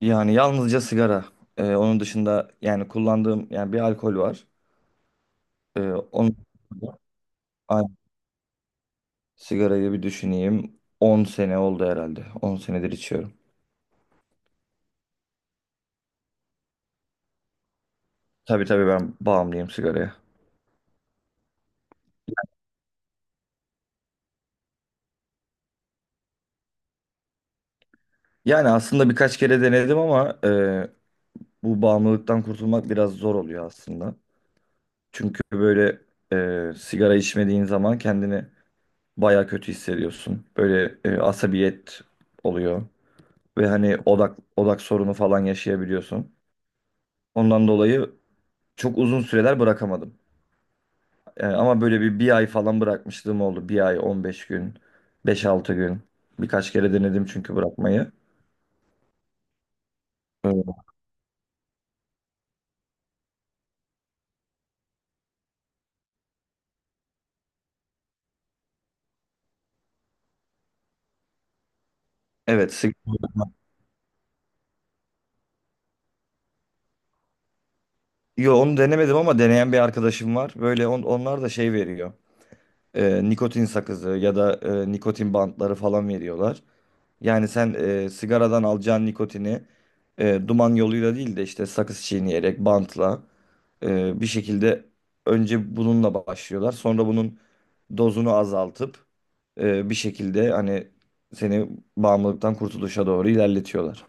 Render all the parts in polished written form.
Yani yalnızca sigara. Onun dışında kullandığım bir alkol var. Ee, onun Ay, Sigarayı bir düşüneyim. 10 sene oldu herhalde. 10 senedir içiyorum. Tabii tabii, ben bağımlıyım sigaraya. Yani aslında birkaç kere denedim, ama bu bağımlılıktan kurtulmak biraz zor oluyor aslında. Çünkü böyle sigara içmediğin zaman kendini baya kötü hissediyorsun. Böyle asabiyet oluyor ve hani odak sorunu falan yaşayabiliyorsun. Ondan dolayı çok uzun süreler bırakamadım. Ama böyle bir ay falan bırakmışlığım oldu. Bir ay, 15 gün, 5-6 gün. Birkaç kere denedim çünkü bırakmayı. Ee, Evet. sig- Yo, onu denemedim, ama deneyen bir arkadaşım var. Böyle onlar da şey veriyor. Nikotin sakızı ya da nikotin bantları falan veriyorlar. Yani sen sigaradan alacağın nikotini duman yoluyla değil de işte sakız çiğneyerek, bantla bir şekilde önce bununla başlıyorlar. Sonra bunun dozunu azaltıp bir şekilde hani seni bağımlılıktan kurtuluşa doğru ilerletiyorlar.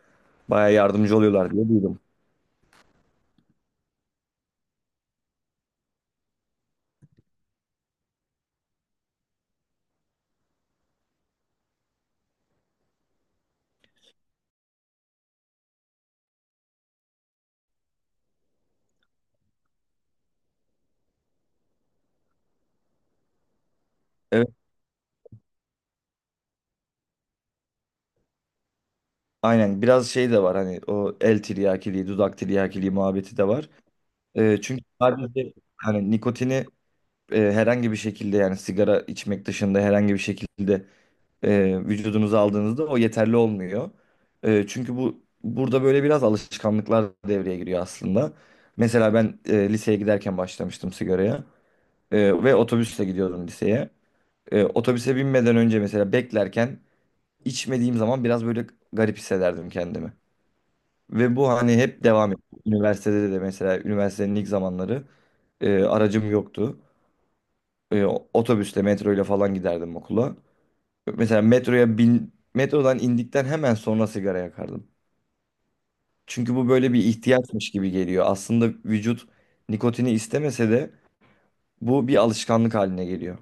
Baya yardımcı oluyorlar diye duydum. Evet, aynen, biraz şey de var hani, o el tiryakiliği, dudak tiryakiliği muhabbeti de var. Çünkü sadece hani nikotini herhangi bir şekilde, yani sigara içmek dışında herhangi bir şekilde vücudunuza aldığınızda o yeterli olmuyor. Çünkü bu burada böyle biraz alışkanlıklar devreye giriyor aslında. Mesela ben liseye giderken başlamıştım sigaraya. Ve otobüsle gidiyordum liseye. Otobüse binmeden önce mesela beklerken içmediğim zaman biraz böyle garip hissederdim kendimi. Ve bu hani hep devam etti. Üniversitede de, mesela üniversitenin ilk zamanları aracım yoktu. Otobüsle, metroyla falan giderdim okula. Mesela metroya bin, metrodan indikten hemen sonra sigara yakardım. Çünkü bu böyle bir ihtiyaçmış gibi geliyor. Aslında vücut nikotini istemese de bu bir alışkanlık haline geliyor.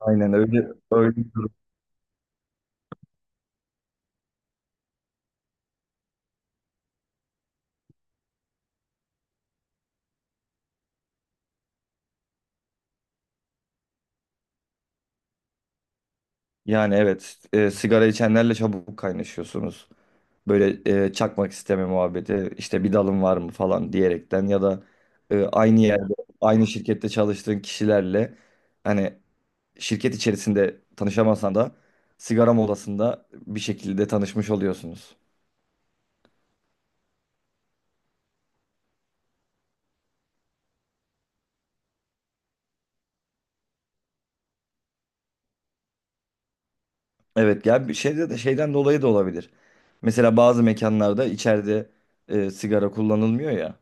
Aynen, öyle öyle bir durum. Yani evet, sigara içenlerle çabuk kaynaşıyorsunuz. Böyle çakmak isteme muhabbeti, işte bir dalın var mı falan diyerekten, ya da aynı yerde aynı şirkette çalıştığın kişilerle, hani şirket içerisinde tanışamasan da sigara molasında bir şekilde tanışmış oluyorsunuz. Evet ya, bir şeyde de şeyden dolayı da olabilir. Mesela bazı mekanlarda içeride sigara kullanılmıyor ya,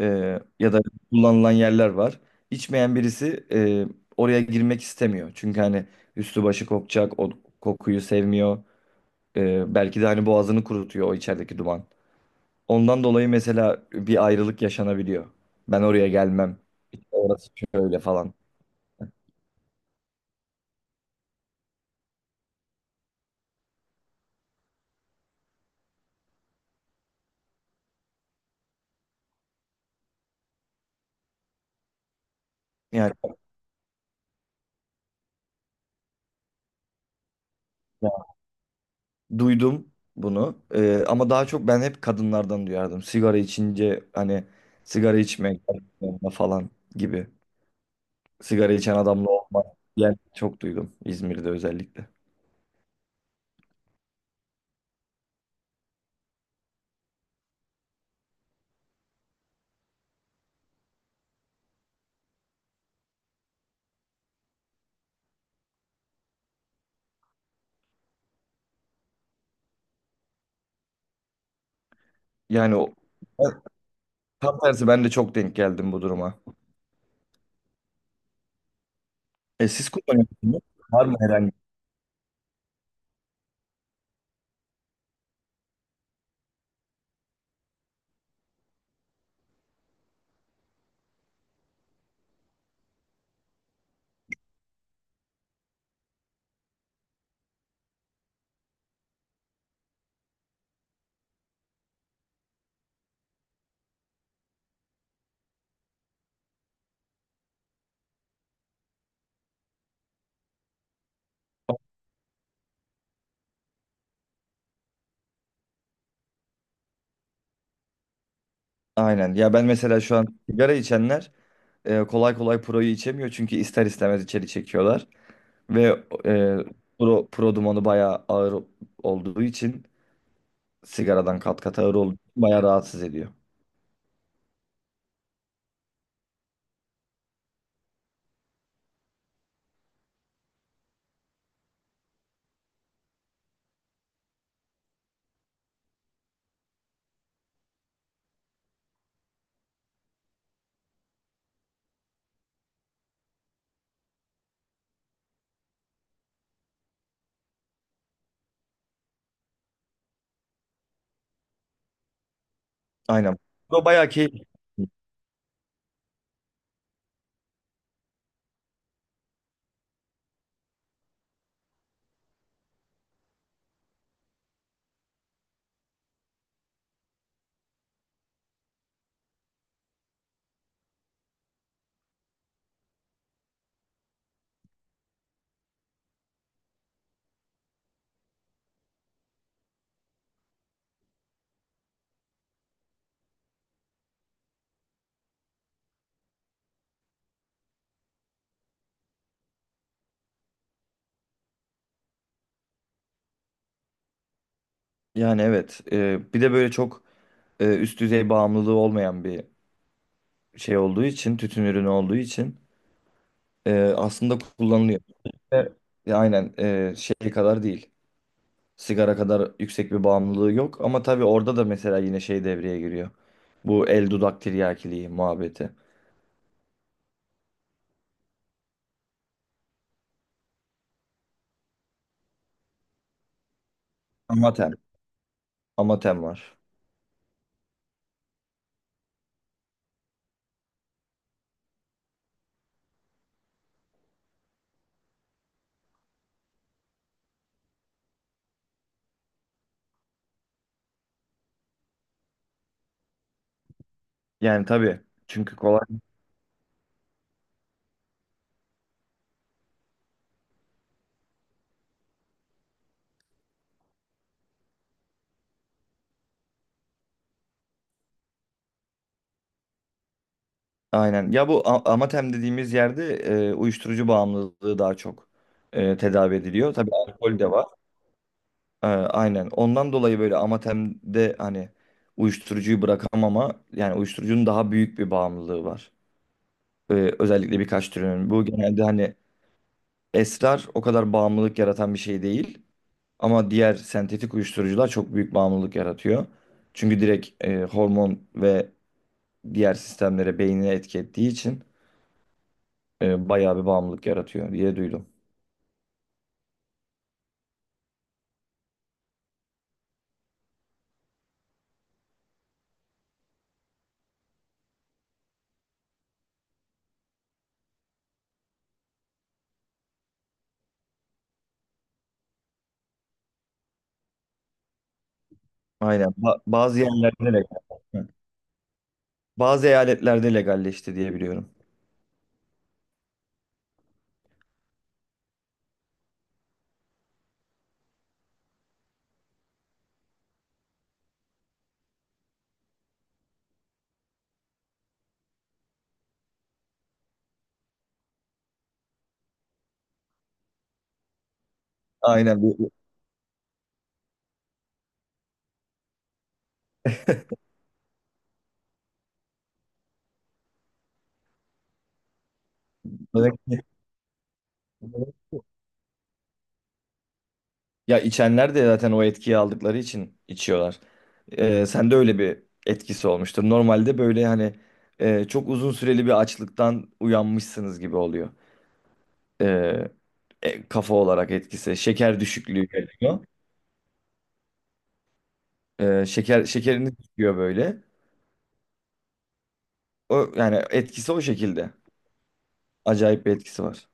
e, ya da kullanılan yerler var. İçmeyen birisi oraya girmek istemiyor. Çünkü hani üstü başı kokacak, o kokuyu sevmiyor. Belki de hani boğazını kurutuyor o içerideki duman. Ondan dolayı mesela bir ayrılık yaşanabiliyor. Ben oraya gelmem. İşte orası şöyle falan. Yani duydum bunu. Ama daha çok ben hep kadınlardan duyardım. Sigara içince hani sigara içmek falan gibi. Sigara içen adamla olmak diyen çok duydum, İzmir'de özellikle. Yani o, tam tersi, ben de çok denk geldim bu duruma. E, siz kullanıyorsunuz. Var mı herhangi? Aynen. Ya ben mesela şu an sigara içenler kolay kolay proyu içemiyor, çünkü ister istemez içeri çekiyorlar ve e, pro dumanı bayağı ağır olduğu için sigaradan kat kat ağır oldu. Bayağı rahatsız ediyor. Aynen. O bayağı keyifli. Yani evet, bir de böyle çok üst düzey bağımlılığı olmayan bir şey olduğu için, tütün ürünü olduğu için aslında kullanılıyor. Ve aynen, şey kadar değil. Sigara kadar yüksek bir bağımlılığı yok. Ama tabii orada da mesela yine şey devreye giriyor. Bu el, dudak tiryakiliği muhabbeti. Amatem. Amatem var. Yani tabii. Çünkü kolay aynen. Ya bu Amatem dediğimiz yerde uyuşturucu bağımlılığı daha çok tedavi ediliyor. Tabii alkol de var. Aynen. Ondan dolayı böyle Amatem'de hani uyuşturucuyu bırakamama, yani uyuşturucunun daha büyük bir bağımlılığı var. E, Özellikle birkaç türünün. Bu genelde hani esrar o kadar bağımlılık yaratan bir şey değil. Ama diğer sentetik uyuşturucular çok büyük bağımlılık yaratıyor. Çünkü direkt hormon ve diğer sistemlere, beynine etki ettiği için bayağı bir bağımlılık yaratıyor diye duydum. Aynen. Bazı yerlerde legal. Hı. Bazı eyaletlerde legalleşti diye biliyorum. Aynen. Melek- Ya, içenler de zaten o etkiyi aldıkları için içiyorlar. Sende öyle bir etkisi olmuştur. Normalde böyle hani çok uzun süreli bir açlıktan uyanmışsınız gibi oluyor. Ee, Kafa olarak etkisi. Şeker düşüklüğü geliyor. Şekeriniz düşüyor böyle. O, yani etkisi o şekilde. Acayip bir etkisi var.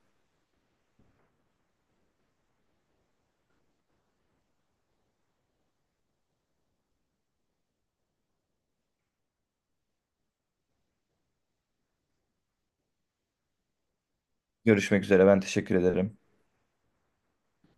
Görüşmek üzere. Ben teşekkür ederim.